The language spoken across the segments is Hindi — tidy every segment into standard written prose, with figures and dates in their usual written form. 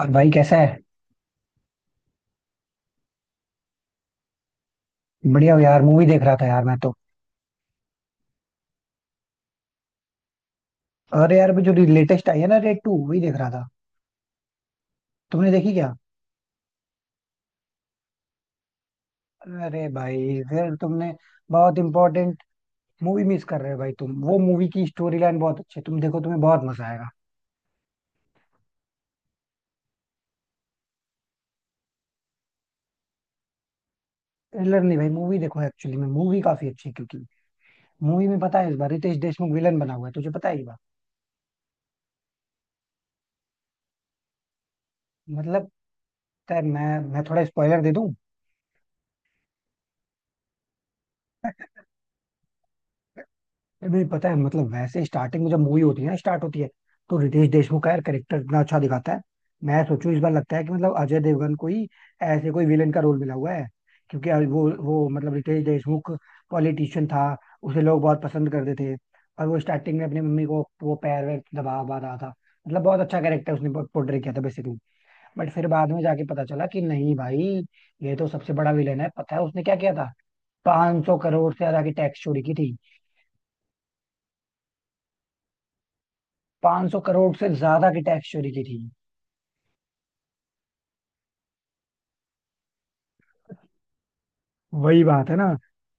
और भाई कैसा है। बढ़िया हो यार, मूवी देख रहा था यार मैं तो। अरे यार, अभी जो लेटेस्ट आई है ना, रेड टू वही देख रहा था। तुमने देखी क्या? अरे भाई, फिर तुमने बहुत इंपॉर्टेंट मूवी मिस कर रहे हो भाई। तुम वो मूवी की स्टोरी लाइन बहुत अच्छी है, तुम देखो, तुम्हें बहुत मजा आएगा। ट्रेलर नहीं भाई मूवी देखो। एक्चुअली में मूवी काफी अच्छी है, क्योंकि मूवी में पता है इस बार रितेश देशमुख विलन बना हुआ है। तुझे पता है ये बात? मतलब यार मैं थोड़ा स्पॉइलर दे दूं। नहीं पता है मतलब, वैसे स्टार्टिंग में जब मूवी होती है ना, स्टार्ट होती है, तो रितेश देशमुख का यार करेक्टर इतना अच्छा दिखाता है। मैं सोचूं इस बार लगता है कि मतलब अजय देवगन को ही ऐसे कोई विलेन का रोल मिला हुआ है। क्योंकि अभी वो मतलब रितेश देशमुख पॉलिटिशियन था, उसे लोग बहुत पसंद करते थे। और वो स्टार्टिंग में अपनी मम्मी को वो पैर वैर दबा वबा रहा था। मतलब बहुत अच्छा कैरेक्टर उसने पोर्ट्रे किया था बेसिकली। बट फिर बाद में जाके पता चला कि नहीं भाई, ये तो सबसे बड़ा विलेन है। पता है उसने क्या किया था? 500 करोड़ से ज्यादा की टैक्स चोरी की थी। 500 करोड़ से ज्यादा की टैक्स चोरी की थी। वही बात है ना।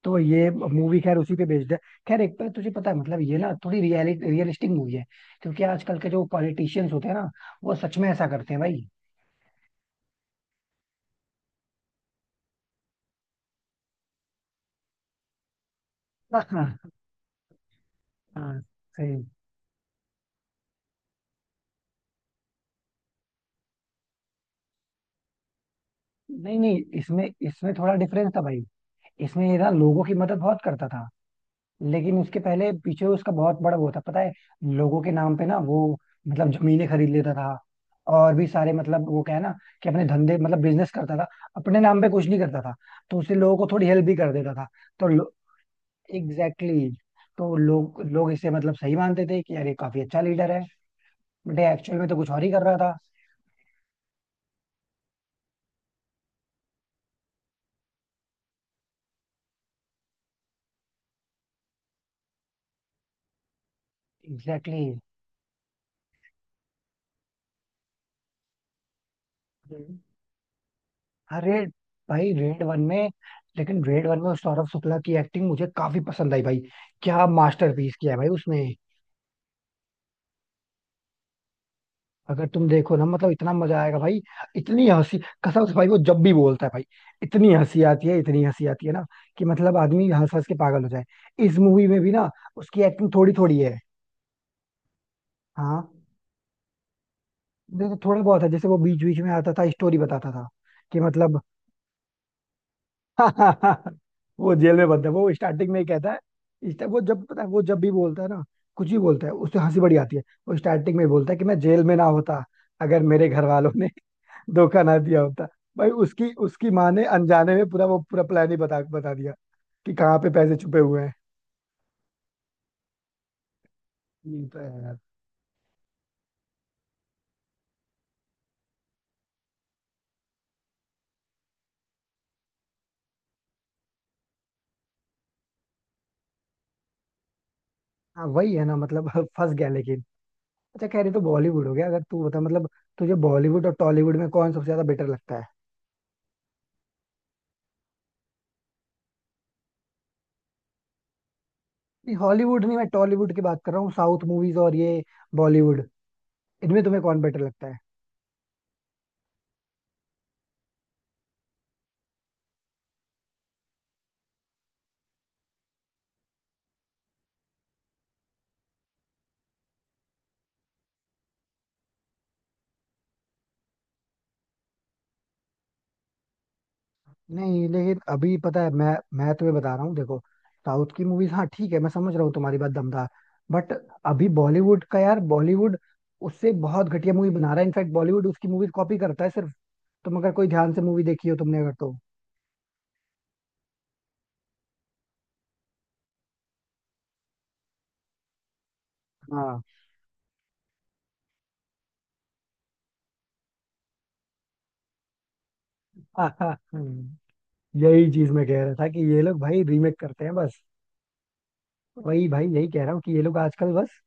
तो ये मूवी खैर उसी पे बेस्ड है। खैर एक पर तुझे पता है मतलब ये ना थोड़ी रियलिटी रियलिस्टिक मूवी है। क्योंकि आजकल के जो पॉलिटिशियंस होते हैं ना, वो सच में ऐसा करते हैं भाई। हाँ हाँ। हाँ, सही। नहीं नहीं, इसमें इसमें थोड़ा डिफरेंस था भाई। इसमें ये ना लोगों की मदद बहुत करता था। लेकिन उसके पहले पीछे उसका बहुत बड़ा वो था, पता है। लोगों के नाम पे ना वो, मतलब जमीनें खरीद लेता था। और भी सारे मतलब वो क्या है ना, कि अपने धंधे मतलब बिजनेस करता था, अपने नाम पे कुछ नहीं करता था। तो उससे लोगों को थोड़ी हेल्प भी कर देता था। तो एग्जैक्टली तो लोग लोग इसे मतलब सही मानते थे कि अरे काफी अच्छा लीडर है। बट एक्चुअल में तो कुछ और ही कर रहा था। Exactly exactly. हम्म। अरे भाई रेड वन में। लेकिन रेड वन में उस सौरभ शुक्ला की एक्टिंग मुझे काफी पसंद आई भाई। क्या मास्टरपीस किया है भाई उसने। अगर तुम देखो ना मतलब इतना मजा आएगा भाई। इतनी हंसी। कसम से भाई वो जब भी बोलता है भाई, इतनी हंसी आती है, इतनी हंसी आती है ना, कि मतलब आदमी हंस हंस के पागल हो जाए। इस मूवी में भी ना उसकी एक्टिंग थोड़ी थोड़ी है। हाँ। देखो थोड़ा बहुत है, जैसे वो बीच बीच में आता था, स्टोरी बताता था कि मतलब वो जेल में बंद है, वो स्टार्टिंग में ही कहता है। वो जब पता है वो जब भी बोलता है ना, कुछ भी बोलता है उससे हंसी बड़ी आती है। वो स्टार्टिंग में ही बोलता है कि मैं जेल में ना होता अगर मेरे घर वालों ने धोखा ना दिया होता। भाई उसकी उसकी माँ ने अनजाने में पूरा वो पूरा प्लान ही बता बता दिया कि कहाँ पे पैसे छुपे हुए हैं। ये तो है यार। हाँ वही है ना मतलब फंस गया लेकिन। अच्छा, कह रही तो बॉलीवुड हो गया, अगर तू बता मतलब तुझे बॉलीवुड और टॉलीवुड में कौन सबसे ज्यादा बेटर लगता है? नहीं हॉलीवुड नहीं, मैं टॉलीवुड की बात कर रहा हूँ, साउथ मूवीज और ये बॉलीवुड, इनमें तुम्हें कौन बेटर लगता है? नहीं लेकिन अभी पता है मैं, तुम्हें बता रहा हूँ देखो, साउथ की मूवीज हाँ ठीक है, मैं समझ रहा हूँ तुम्हारी बात, दमदार। बट अभी बॉलीवुड का यार, बॉलीवुड उससे बहुत घटिया मूवी बना रहा है, इनफैक्ट बॉलीवुड उसकी मूवीज कॉपी करता है सिर्फ। तुम अगर कोई ध्यान से मूवी देखी हो तुमने अगर तो। हाँ। हम्म, यही चीज मैं कह रहा था कि ये लोग भाई रीमेक करते हैं बस। वही भाई यही कह रहा हूँ कि ये लोग आजकल बस,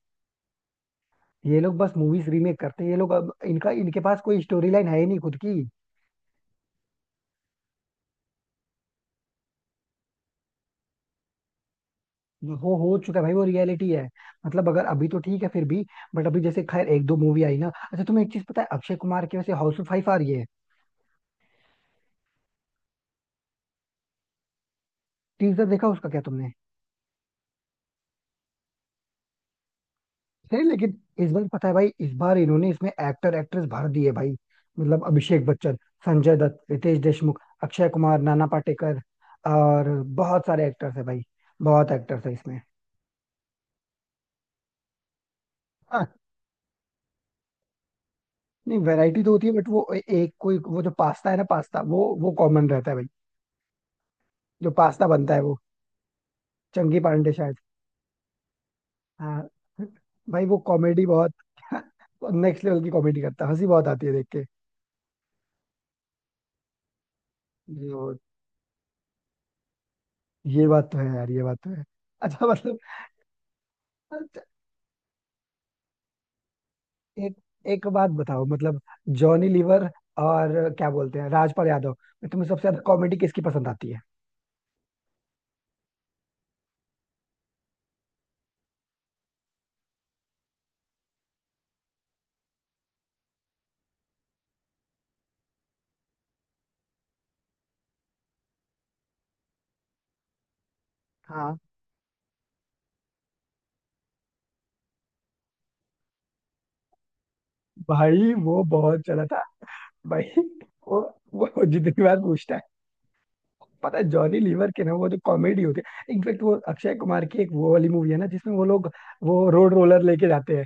ये लोग बस मूवीज रीमेक करते हैं। ये लोग अब इनका इनके पास कोई स्टोरी लाइन है ही नहीं खुद की। वो हो चुका है भाई, वो रियलिटी है। मतलब अगर अभी तो ठीक है फिर भी, बट अभी जैसे खैर एक दो मूवी आई ना। अच्छा तुम्हें एक चीज पता है, अक्षय कुमार की वैसे हाउसफुल फाइव आ रही है, टीजर देखा उसका क्या तुमने? नहीं लेकिन इस बार पता है भाई, इस बार इन्होंने इसमें एक्टर एक्ट्रेस भर दिए भाई। मतलब अभिषेक बच्चन, संजय दत्त, रितेश देशमुख, अक्षय कुमार, नाना पाटेकर और बहुत सारे एक्टर्स है भाई। बहुत एक्टर्स है इसमें। हाँ। नहीं वैरायटी तो होती है, बट वो एक कोई वो जो पास्ता है ना, पास्ता वो कॉमन रहता है भाई। जो पास्ता बनता है वो। चंगी पांडे शायद। हाँ भाई वो कॉमेडी बहुत नेक्स्ट लेवल की कॉमेडी करता है, हंसी बहुत आती है देख के। जो, ये बात तो है यार, ये बात तो है। अच्छा मतलब, अच्छा, एक एक बात बताओ मतलब जॉनी लीवर और क्या बोलते हैं राजपाल यादव, में तुम्हें सबसे ज्यादा कॉमेडी किसकी पसंद आती है? हाँ भाई वो बहुत चला था भाई वो वो जितनी बार पूछता है, पता है जॉनी लीवर के ना वो जो कॉमेडी होती है, इनफेक्ट वो अक्षय कुमार की एक वो वाली मूवी है ना जिसमें वो लोग वो रोड रोलर लेके जाते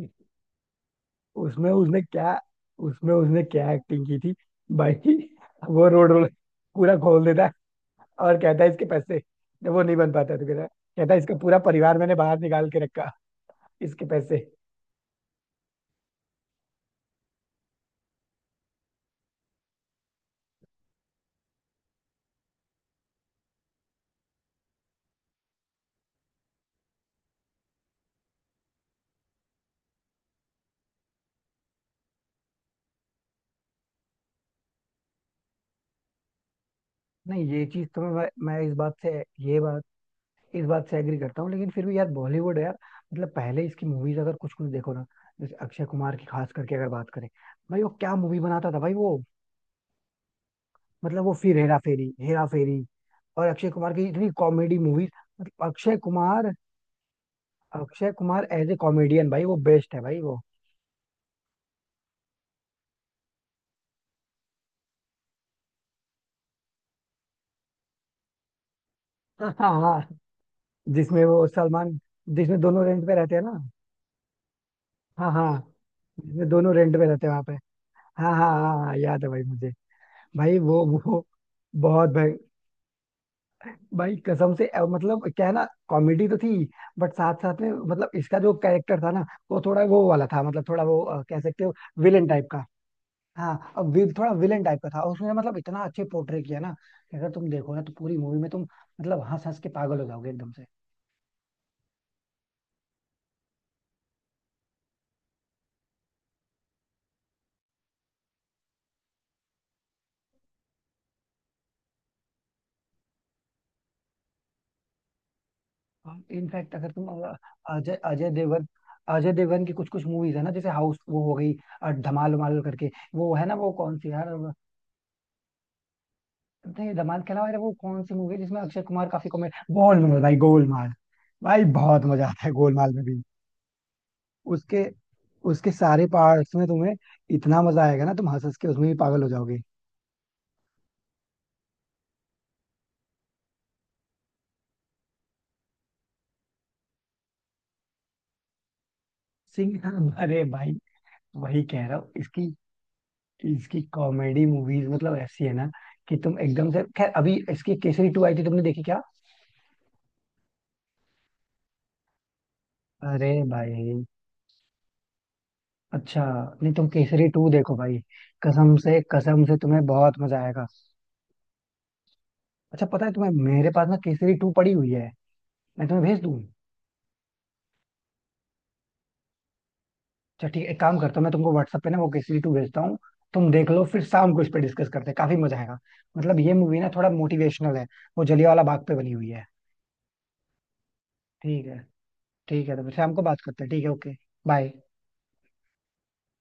हैं। उसमें उसने क्या उसमें उसने क्या एक्टिंग की थी भाई? वो रोड रोल पूरा खोल देता है और कहता है इसके पैसे, जब वो नहीं बन पाता तो कहता है, कहता है इसका पूरा परिवार मैंने बाहर निकाल के रखा, इसके पैसे। नहीं ये चीज तो मैं इस बात से, ये बात इस बात से एग्री करता हूँ, लेकिन फिर भी यार बॉलीवुड है यार। मतलब पहले इसकी मूवीज अगर कुछ कुछ देखो ना, जैसे अक्षय कुमार की खास करके अगर बात करें, भाई वो क्या मूवी बनाता था भाई वो, मतलब वो फिर हेरा फेरी हेरा फेरी। और अक्षय कुमार की इतनी कॉमेडी मूवीज, मतलब Akshay Kumar, Akshay Kumar as a comedian भाई वो बेस्ट है भाई वो। हाँ हाँ हाँ। जिसमें वो सलमान, जिसमें दोनों रेंट पे रहते हैं ना? हाँ हाँ। जिसमें दोनों रेंट पे रहते हैं वहां पे। हाँ हाँ हाँ हाँ, याद है भाई मुझे। भाई वो बहुत भाई। भाई कसम से मतलब क्या है ना कॉमेडी तो थी, बट साथ साथ में मतलब इसका जो कैरेक्टर था ना, वो थोड़ा वो वाला था, मतलब थोड़ा वो कह सकते हो विलेन टाइप का। हाँ अब थोड़ा विलेन टाइप का था, और उसने मतलब इतना अच्छे पोर्ट्रे किया ना कि अगर तुम देखो ना तो पूरी मूवी में तुम मतलब हंस हंस के पागल हो जाओगे एकदम से। इनफैक्ट अगर तुम अजय अजय देवगन, अजय देवगन की कुछ कुछ मूवीज है ना, जैसे हाउस वो हो गई, धमाल उमाल करके वो है ना वो कौन सी यार नहीं धमाल के अलावा यार वो कौन सी मूवी है जिसमें अक्षय कुमार काफी कॉमेडी, गोलमाल भाई गोलमाल। भाई बहुत मजा आता है गोलमाल में भी। उसके उसके सारे पार्ट्स में तुम्हें इतना मजा आएगा ना, तुम हंस हंस के उसमें भी पागल हो जाओगे। सिंह अरे भाई, वही कह रहा हूँ इसकी, इसकी कॉमेडी मूवीज मतलब ऐसी है ना कि तुम एकदम से, खैर अभी इसकी केसरी टू आई थी, तुमने देखी क्या? अरे भाई अच्छा। नहीं तुम केसरी टू देखो भाई, कसम से तुम्हें बहुत मजा आएगा। अच्छा पता है तुम्हें, मेरे पास ना केसरी टू पड़ी हुई है, मैं तुम्हें भेज दूँ? अच्छा ठीक है, एक काम करता हूँ मैं तुमको व्हाट्सएप पे ना वो केसरी टू भेजता हूँ, तुम देख लो, फिर शाम को इस पे डिस्कस करते हैं, काफी मजा आएगा। मतलब ये मूवी ना थोड़ा मोटिवेशनल है, वो जलियांवाला बाग पे बनी हुई है। ठीक है। ठीक है तो फिर शाम को बात करते हैं, ठीक है, ओके। बाय।